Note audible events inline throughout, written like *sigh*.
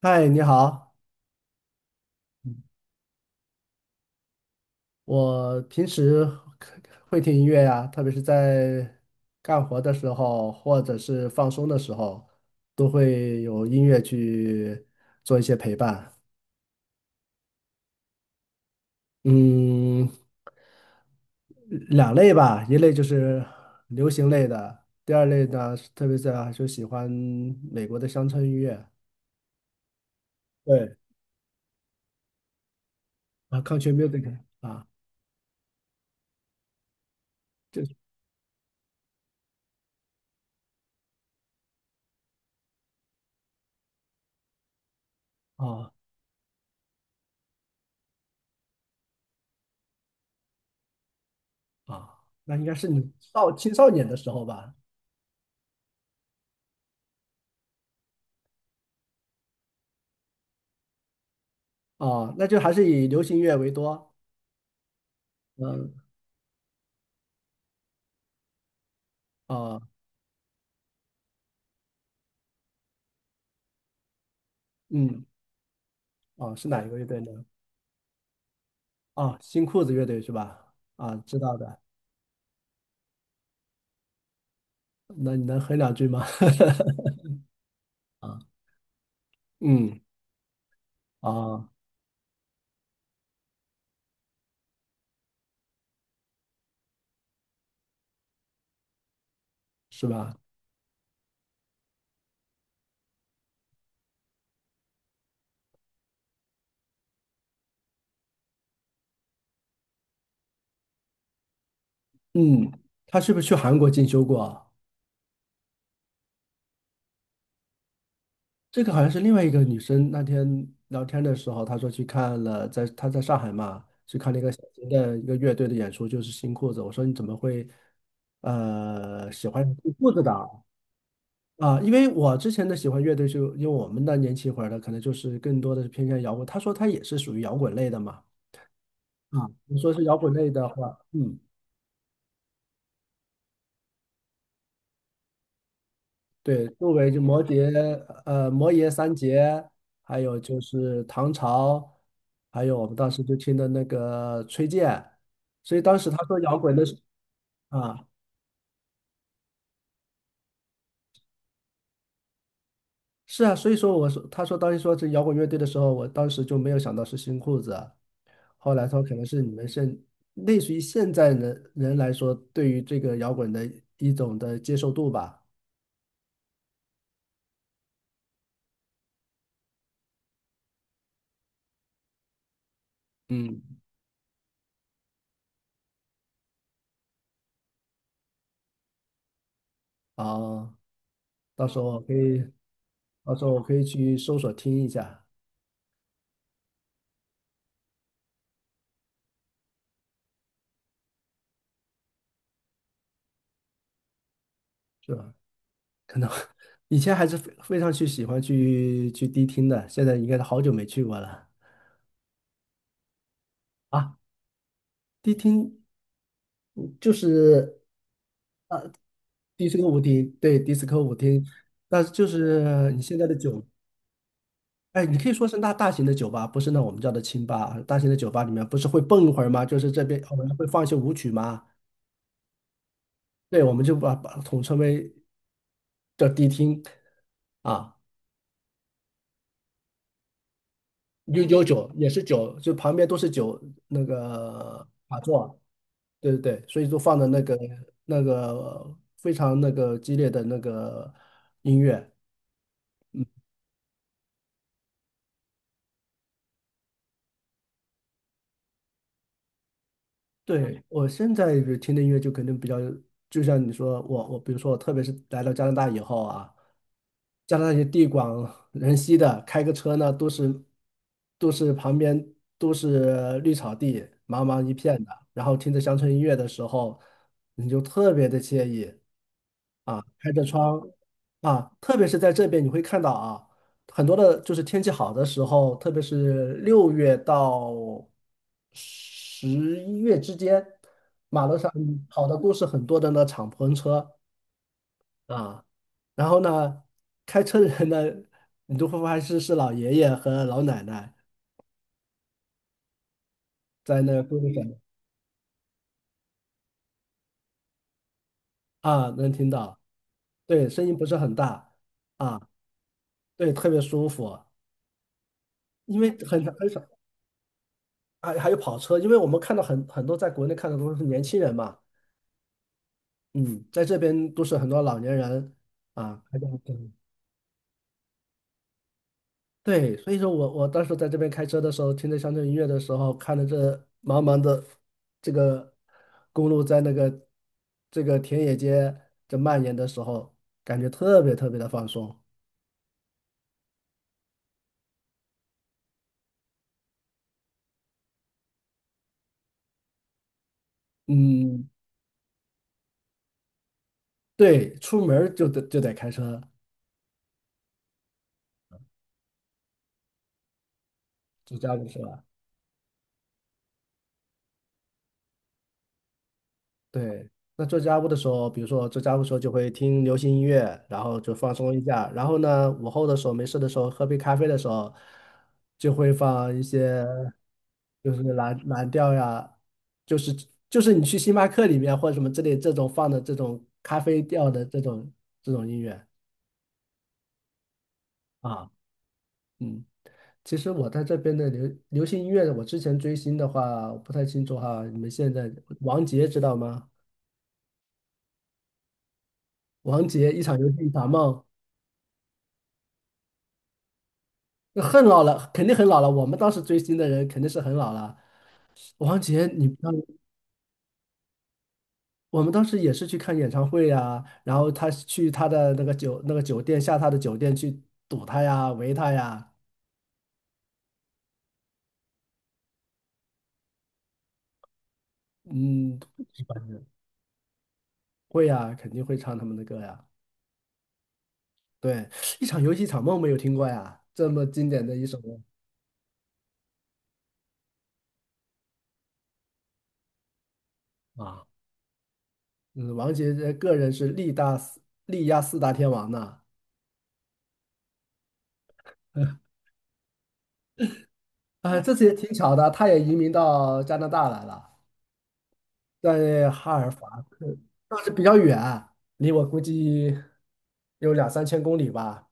嗨，你好，我平时会听音乐呀，特别是在干活的时候，或者是放松的时候，都会有音乐去做一些陪伴。嗯，两类吧，一类就是流行类的，第二类呢，特别是啊就喜欢美国的乡村音乐，对，啊，country music 啊，就是啊那应该是你少青少年的时候吧？啊，那就还是以流行乐为多。嗯啊嗯哦，是哪一个乐队呢？哦，新裤子乐队是吧？啊，知道的。那你能哼两句吗？*laughs* 啊，嗯啊，是吧？嗯，他是不是去韩国进修过啊？这个好像是另外一个女生那天聊天的时候，她说去看了，在她在上海嘛，去看了一个小型的一个乐队的演出，就是新裤子。我说你怎么会喜欢新裤子的啊啊，因为我之前的喜欢乐队就，因为我们的年轻一会儿的，可能就是更多的是偏向摇滚。他说他也是属于摇滚类的嘛。啊，你说是摇滚类的话，嗯，对，周围就摩羯，呃，摩羯三杰，还有就是唐朝，还有我们当时就听的那个崔健。所以当时他说摇滚啊，是啊，所以说我说他说当时说这摇滚乐队的时候，我当时就没有想到是新裤子。后来说可能是你们现类似于现在人人来说，对于这个摇滚的一种的接受度吧。嗯，啊，到时候我可以，到时候我可以去搜索听一下，是吧？可能 *laughs* 以前还是非常去喜欢去迪厅的，现在应该是好久没去过了啊。迪厅就是迪斯科舞厅，对，迪斯科舞厅，但是就是你现在哎，你可以说是那大型的酒吧，不是那我们叫的清吧啊。大型的酒吧里面不是会蹦一会儿吗？就是这边我们会放一些舞曲吗？对，我们就把统称为叫迪厅啊，有酒也是酒，就旁边都是酒那个卡座，对对对，所以就放的那个非常那个激烈的那个音乐。对，我现在比如听的音乐就肯定比较，就像你说，我比如说我特别是来到加拿大以后啊，加拿大也地广人稀的，开个车呢都是旁边都是绿草地，茫茫一片的，然后听着乡村音乐的时候，你就特别的惬意。啊，开着窗啊，特别是在这边你会看到啊，很多的就是天气好的时候，特别是6月到11月之间，马路上跑的都是很多的那敞篷车啊，然后呢，开车的人呢，你就会发现是老爷爷和老奶奶在那个公路上啊，能听到，对，声音不是很大啊，对，特别舒服，因为很少。还有跑车，因为我们看到很多在国内看的都是年轻人嘛，嗯，在这边都是很多老年人啊，开这种车对，所以说我当时在这边开车的时候，听着乡村音乐的时候，看着这茫茫的这个公路在那个这个田野间这蔓延的时候，感觉特别特别的放松。嗯，对，出门儿就得开车，就这样子是吧对，那做家务的时候，比如说做家务的时候就会听流行音乐，然后就放松一下。然后呢，午后的时候没事的时候，喝杯咖啡的时候，就会放一些就是蓝调呀，就是就是你去星巴克里面或者什么之类这种放的这种咖啡调的这种音乐啊，嗯。其实我在这边的流行音乐，我之前追星的话，我不太清楚哈。你们现在王杰知道吗？王杰一场游戏一场梦。很老了，肯定很老了。我们当时追星的人肯定是很老了。王杰，你不要我们当时也是去看演唱会呀、然后他去他的那个酒店下他的酒店去堵他呀、围他呀，嗯，会呀、肯定会唱他们的歌呀。对，一场游戏一场梦没有听过呀，这么经典的一首歌啊。嗯，王杰这个人是力压四大天王呢 *laughs*。啊，这次也挺巧的，他也移民到加拿大来了。在哈尔法克，但是比较远，离我估计有两三千公里吧。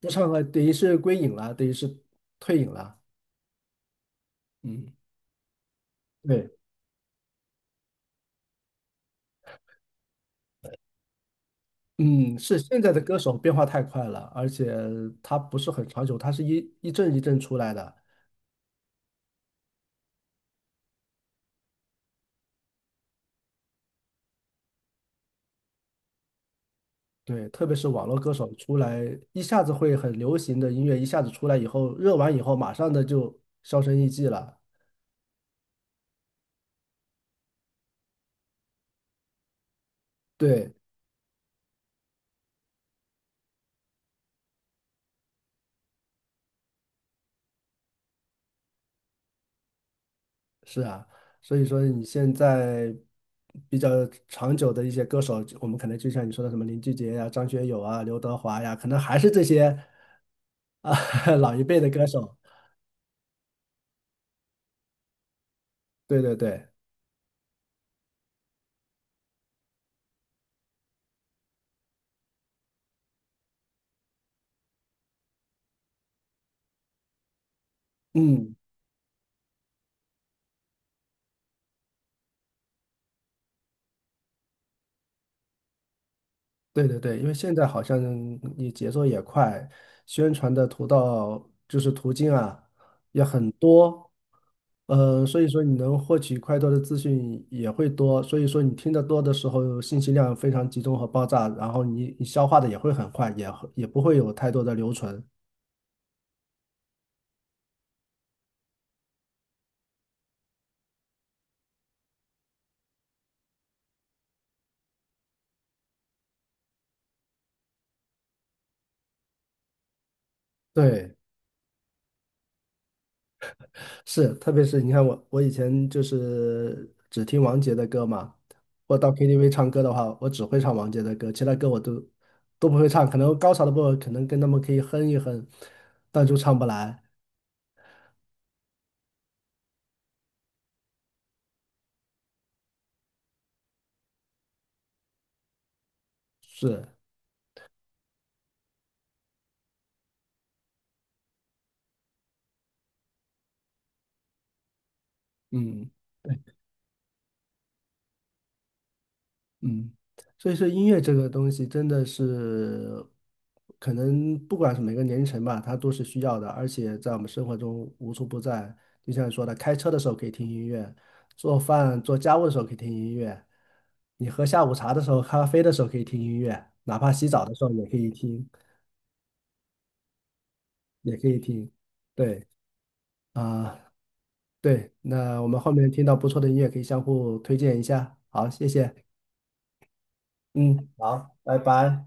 不唱歌，等于是归隐了，等于是退隐了。嗯对，嗯，是现在的歌手变化太快了，而且他不是很长久，他是一阵一阵出来的。对，特别是网络歌手出来，一下子会很流行的音乐，一下子出来以后，热完以后，马上的就销声匿迹了。对，是啊，所以说你现在比较长久的一些歌手，我们可能就像你说的什么林俊杰呀、张学友啊、刘德华呀，可能还是这些啊 *laughs* 老一辈的歌手。对对对，嗯。对对对，因为现在好像你节奏也快，宣传的途道就是途径啊也很多，所以说你能获取快多的资讯也会多，所以说你听得多的时候，信息量非常集中和爆炸，然后你消化的也会很快，也不会有太多的留存。对。是，特别是你看我，我以前就是只听王杰的歌嘛。我到 KTV 唱歌的话，我只会唱王杰的歌，其他歌我都不会唱。可能高潮的部分可能跟他们可以哼一哼，但就唱不来。是，嗯，嗯，所以说音乐这个东西真的是，可能不管是每个年龄层吧，它都是需要的，而且在我们生活中无处不在。就像你说的，开车的时候可以听音乐，做饭做家务的时候可以听音乐，你喝下午茶的时候、咖啡的时候可以听音乐，哪怕洗澡的时候也可以听，也可以听。对啊，对，那我们后面听到不错的音乐可以相互推荐一下。好，谢谢。嗯，好，拜拜。